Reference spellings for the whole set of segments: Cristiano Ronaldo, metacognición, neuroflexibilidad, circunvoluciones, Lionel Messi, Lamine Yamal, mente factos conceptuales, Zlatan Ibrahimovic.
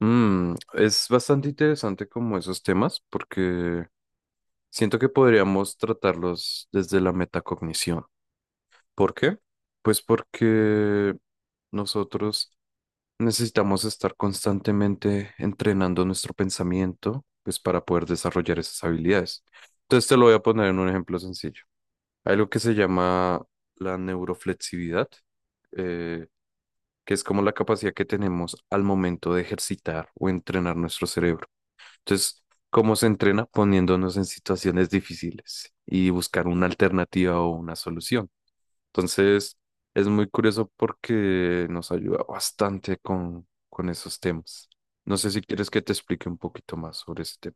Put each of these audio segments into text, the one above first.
Mm, es bastante interesante como esos temas porque siento que podríamos tratarlos desde la metacognición. ¿Por qué? Pues porque nosotros necesitamos estar constantemente entrenando nuestro pensamiento, pues para poder desarrollar esas habilidades. Entonces te lo voy a poner en un ejemplo sencillo. Hay algo que se llama la neuroflexibilidad, eh, que es como la capacidad que tenemos al momento de ejercitar o entrenar nuestro cerebro. Entonces, ¿cómo se entrena? Poniéndonos en situaciones difíciles y buscar una alternativa o una solución. Entonces, es muy curioso porque nos ayuda bastante con esos temas. No sé si quieres que te explique un poquito más sobre ese tema.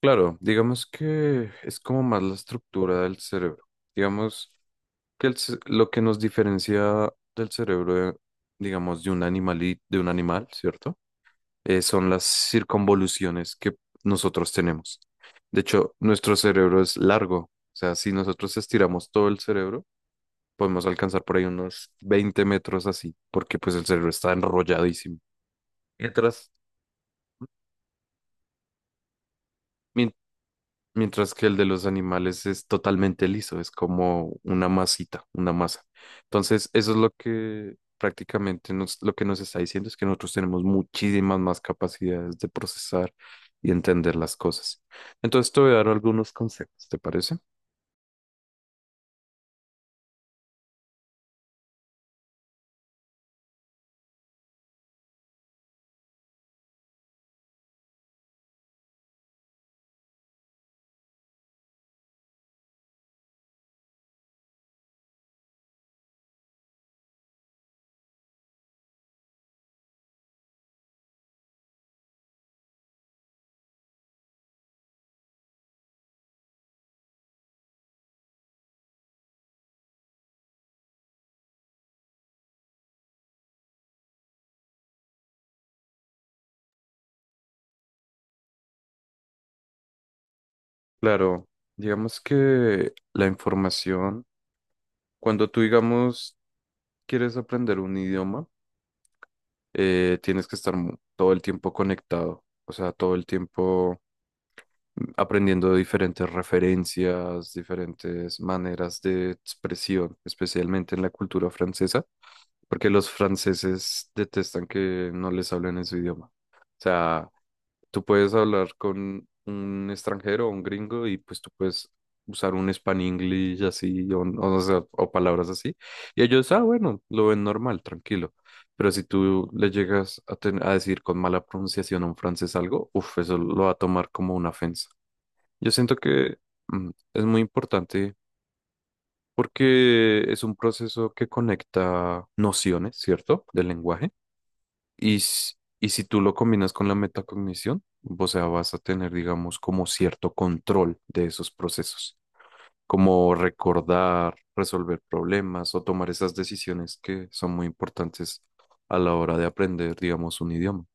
Claro, digamos que es como más la estructura del cerebro. Digamos que lo que nos diferencia del cerebro, digamos, de un de un animal, ¿cierto? Son las circunvoluciones que nosotros tenemos. De hecho, nuestro cerebro es largo. O sea, si nosotros estiramos todo el cerebro, podemos alcanzar por ahí unos 20 metros así, porque pues el cerebro está enrolladísimo. Mientras, mien- Mientras que el de los animales es totalmente liso, es como una masita, una masa. Entonces, eso es lo que prácticamente lo que nos está diciendo es que nosotros tenemos muchísimas más capacidades de procesar y entender las cosas. Entonces, te voy a dar algunos consejos, ¿te parece? Claro, digamos que la información, cuando tú, digamos, quieres aprender un idioma, tienes que estar todo el tiempo conectado, o sea, todo el tiempo aprendiendo de diferentes referencias, diferentes maneras de expresión, especialmente en la cultura francesa, porque los franceses detestan que no les hablen en su idioma. O sea, tú puedes hablar con un extranjero o un gringo y pues tú puedes usar un span English así o sea, o palabras así. Y ellos, ah, bueno, lo ven normal, tranquilo. Pero si tú le llegas a decir con mala pronunciación a un francés algo, uff, eso lo va a tomar como una ofensa. Yo siento que es muy importante porque es un proceso que conecta nociones, ¿cierto?, del lenguaje. Y, s- y si tú lo combinas con la metacognición, o sea, vas a tener, digamos, como cierto control de esos procesos, como recordar, resolver problemas o tomar esas decisiones que son muy importantes a la hora de aprender, digamos, un idioma.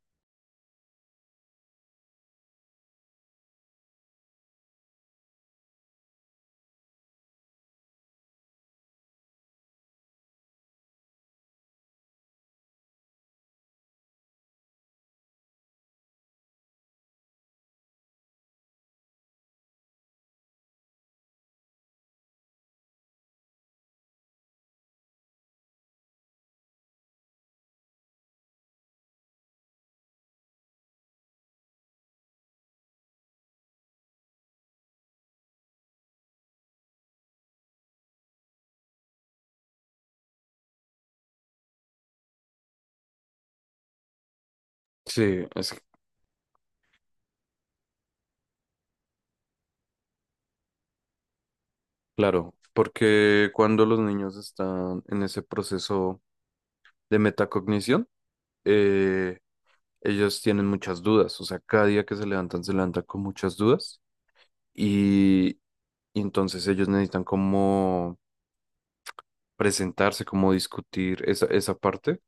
Sí, claro, porque cuando los niños están en ese proceso de metacognición, eh, ellos tienen muchas dudas, o sea, cada día que se levantan con muchas dudas y, y entonces ellos necesitan como presentarse, como discutir esa parte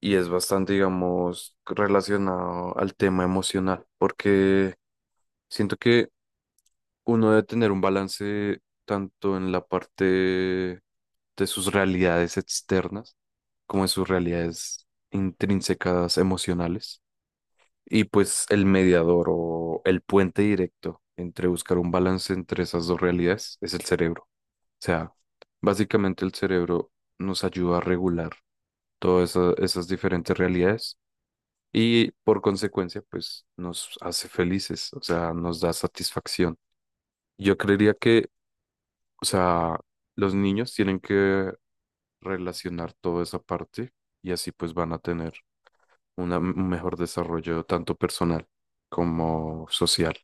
y es bastante, digamos, relacionado al tema emocional, porque siento que uno debe tener un balance tanto en la parte de sus realidades externas como en sus realidades intrínsecas emocionales. Y pues el mediador o el puente directo entre buscar un balance entre esas dos realidades es el cerebro. O sea, básicamente el cerebro nos ayuda a regular esas diferentes realidades y por consecuencia, pues nos hace felices, o sea, nos da satisfacción. Yo creería que, o sea, los niños tienen que relacionar toda esa parte y así pues van a tener un mejor desarrollo tanto personal como social.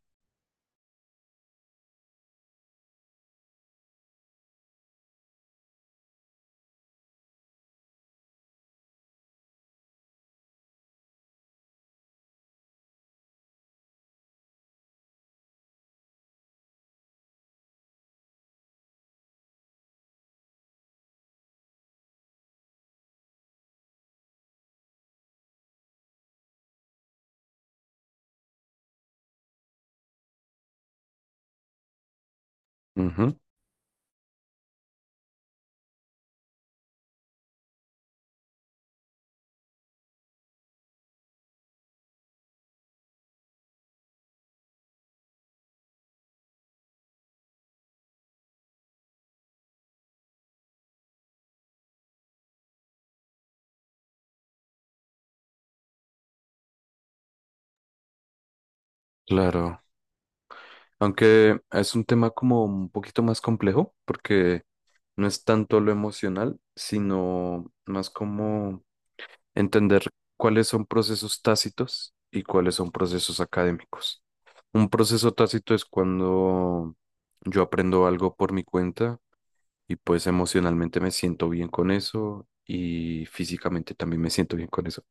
Ujú. Claro, aunque es un tema como un poquito más complejo, porque no es tanto lo emocional, sino más como entender cuáles son procesos tácitos y cuáles son procesos académicos. Un proceso tácito es cuando yo aprendo algo por mi cuenta y pues emocionalmente me siento bien con eso y físicamente también me siento bien con eso,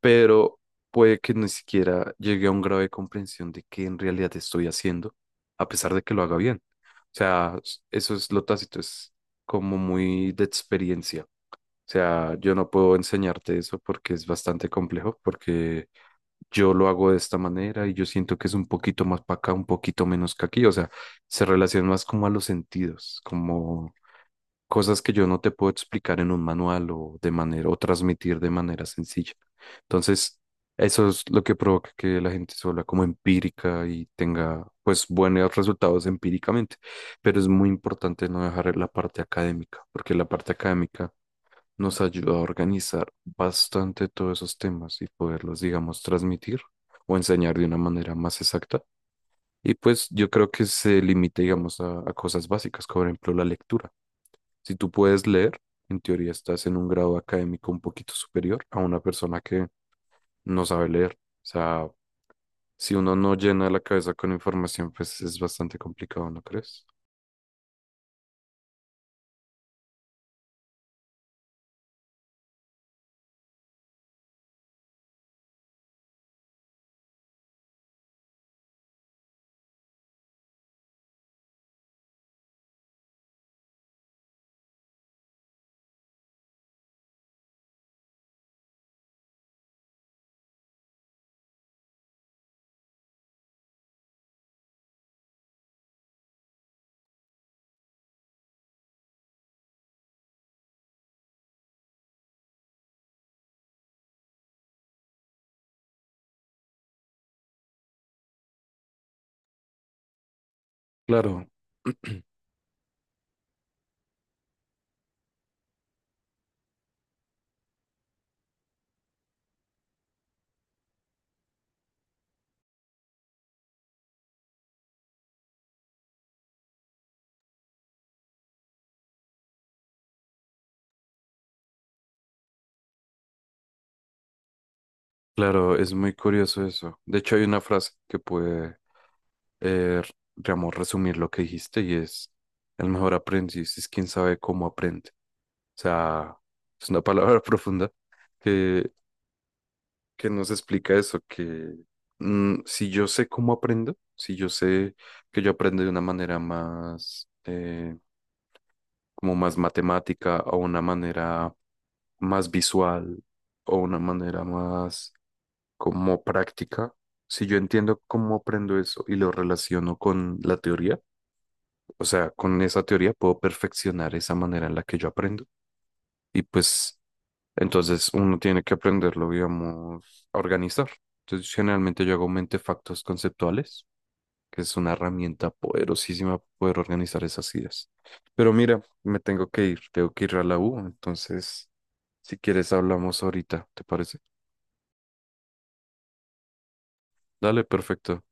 pero puede que ni siquiera llegue a un grado de comprensión de qué en realidad estoy haciendo, a pesar de que lo haga bien. O sea, eso es lo tácito, es como muy de experiencia. O sea, yo no puedo enseñarte eso porque es bastante complejo, porque yo lo hago de esta manera y yo siento que es un poquito más para acá, un poquito menos que aquí. O sea, se relaciona más como a los sentidos, como cosas que yo no te puedo explicar en un manual o de manera o transmitir de manera sencilla. Entonces, eso es lo que provoca que la gente se vuelva como empírica y tenga pues buenos resultados empíricamente, pero es muy importante no dejar la parte académica, porque la parte académica nos ayuda a organizar bastante todos esos temas y poderlos, digamos, transmitir o enseñar de una manera más exacta, y pues yo creo que se limita, digamos, a cosas básicas, como por ejemplo la lectura. Si tú puedes leer, en teoría estás en un grado académico un poquito superior a una persona que no sabe leer. O sea, si uno no llena la cabeza con información, pues es bastante complicado, ¿no crees? Claro, claro, es muy curioso eso. De hecho, hay una frase que puede, eh, digamos, resumir lo que dijiste y es, el mejor aprendiz es quien sabe cómo aprende. O sea, es una palabra profunda que, que nos explica eso, que si yo sé cómo aprendo, si yo sé que yo aprendo de una manera más, como más matemática o una manera más visual o una manera más como práctica, si yo entiendo cómo aprendo eso y lo relaciono con la teoría, o sea, con esa teoría puedo perfeccionar esa manera en la que yo aprendo. Y pues entonces uno tiene que aprenderlo, digamos, a organizar. Entonces generalmente yo hago mente factos conceptuales, que es una herramienta poderosísima para poder organizar esas ideas. Pero mira, me tengo que ir a la U, entonces si quieres hablamos ahorita, ¿te parece? Dale, perfecto.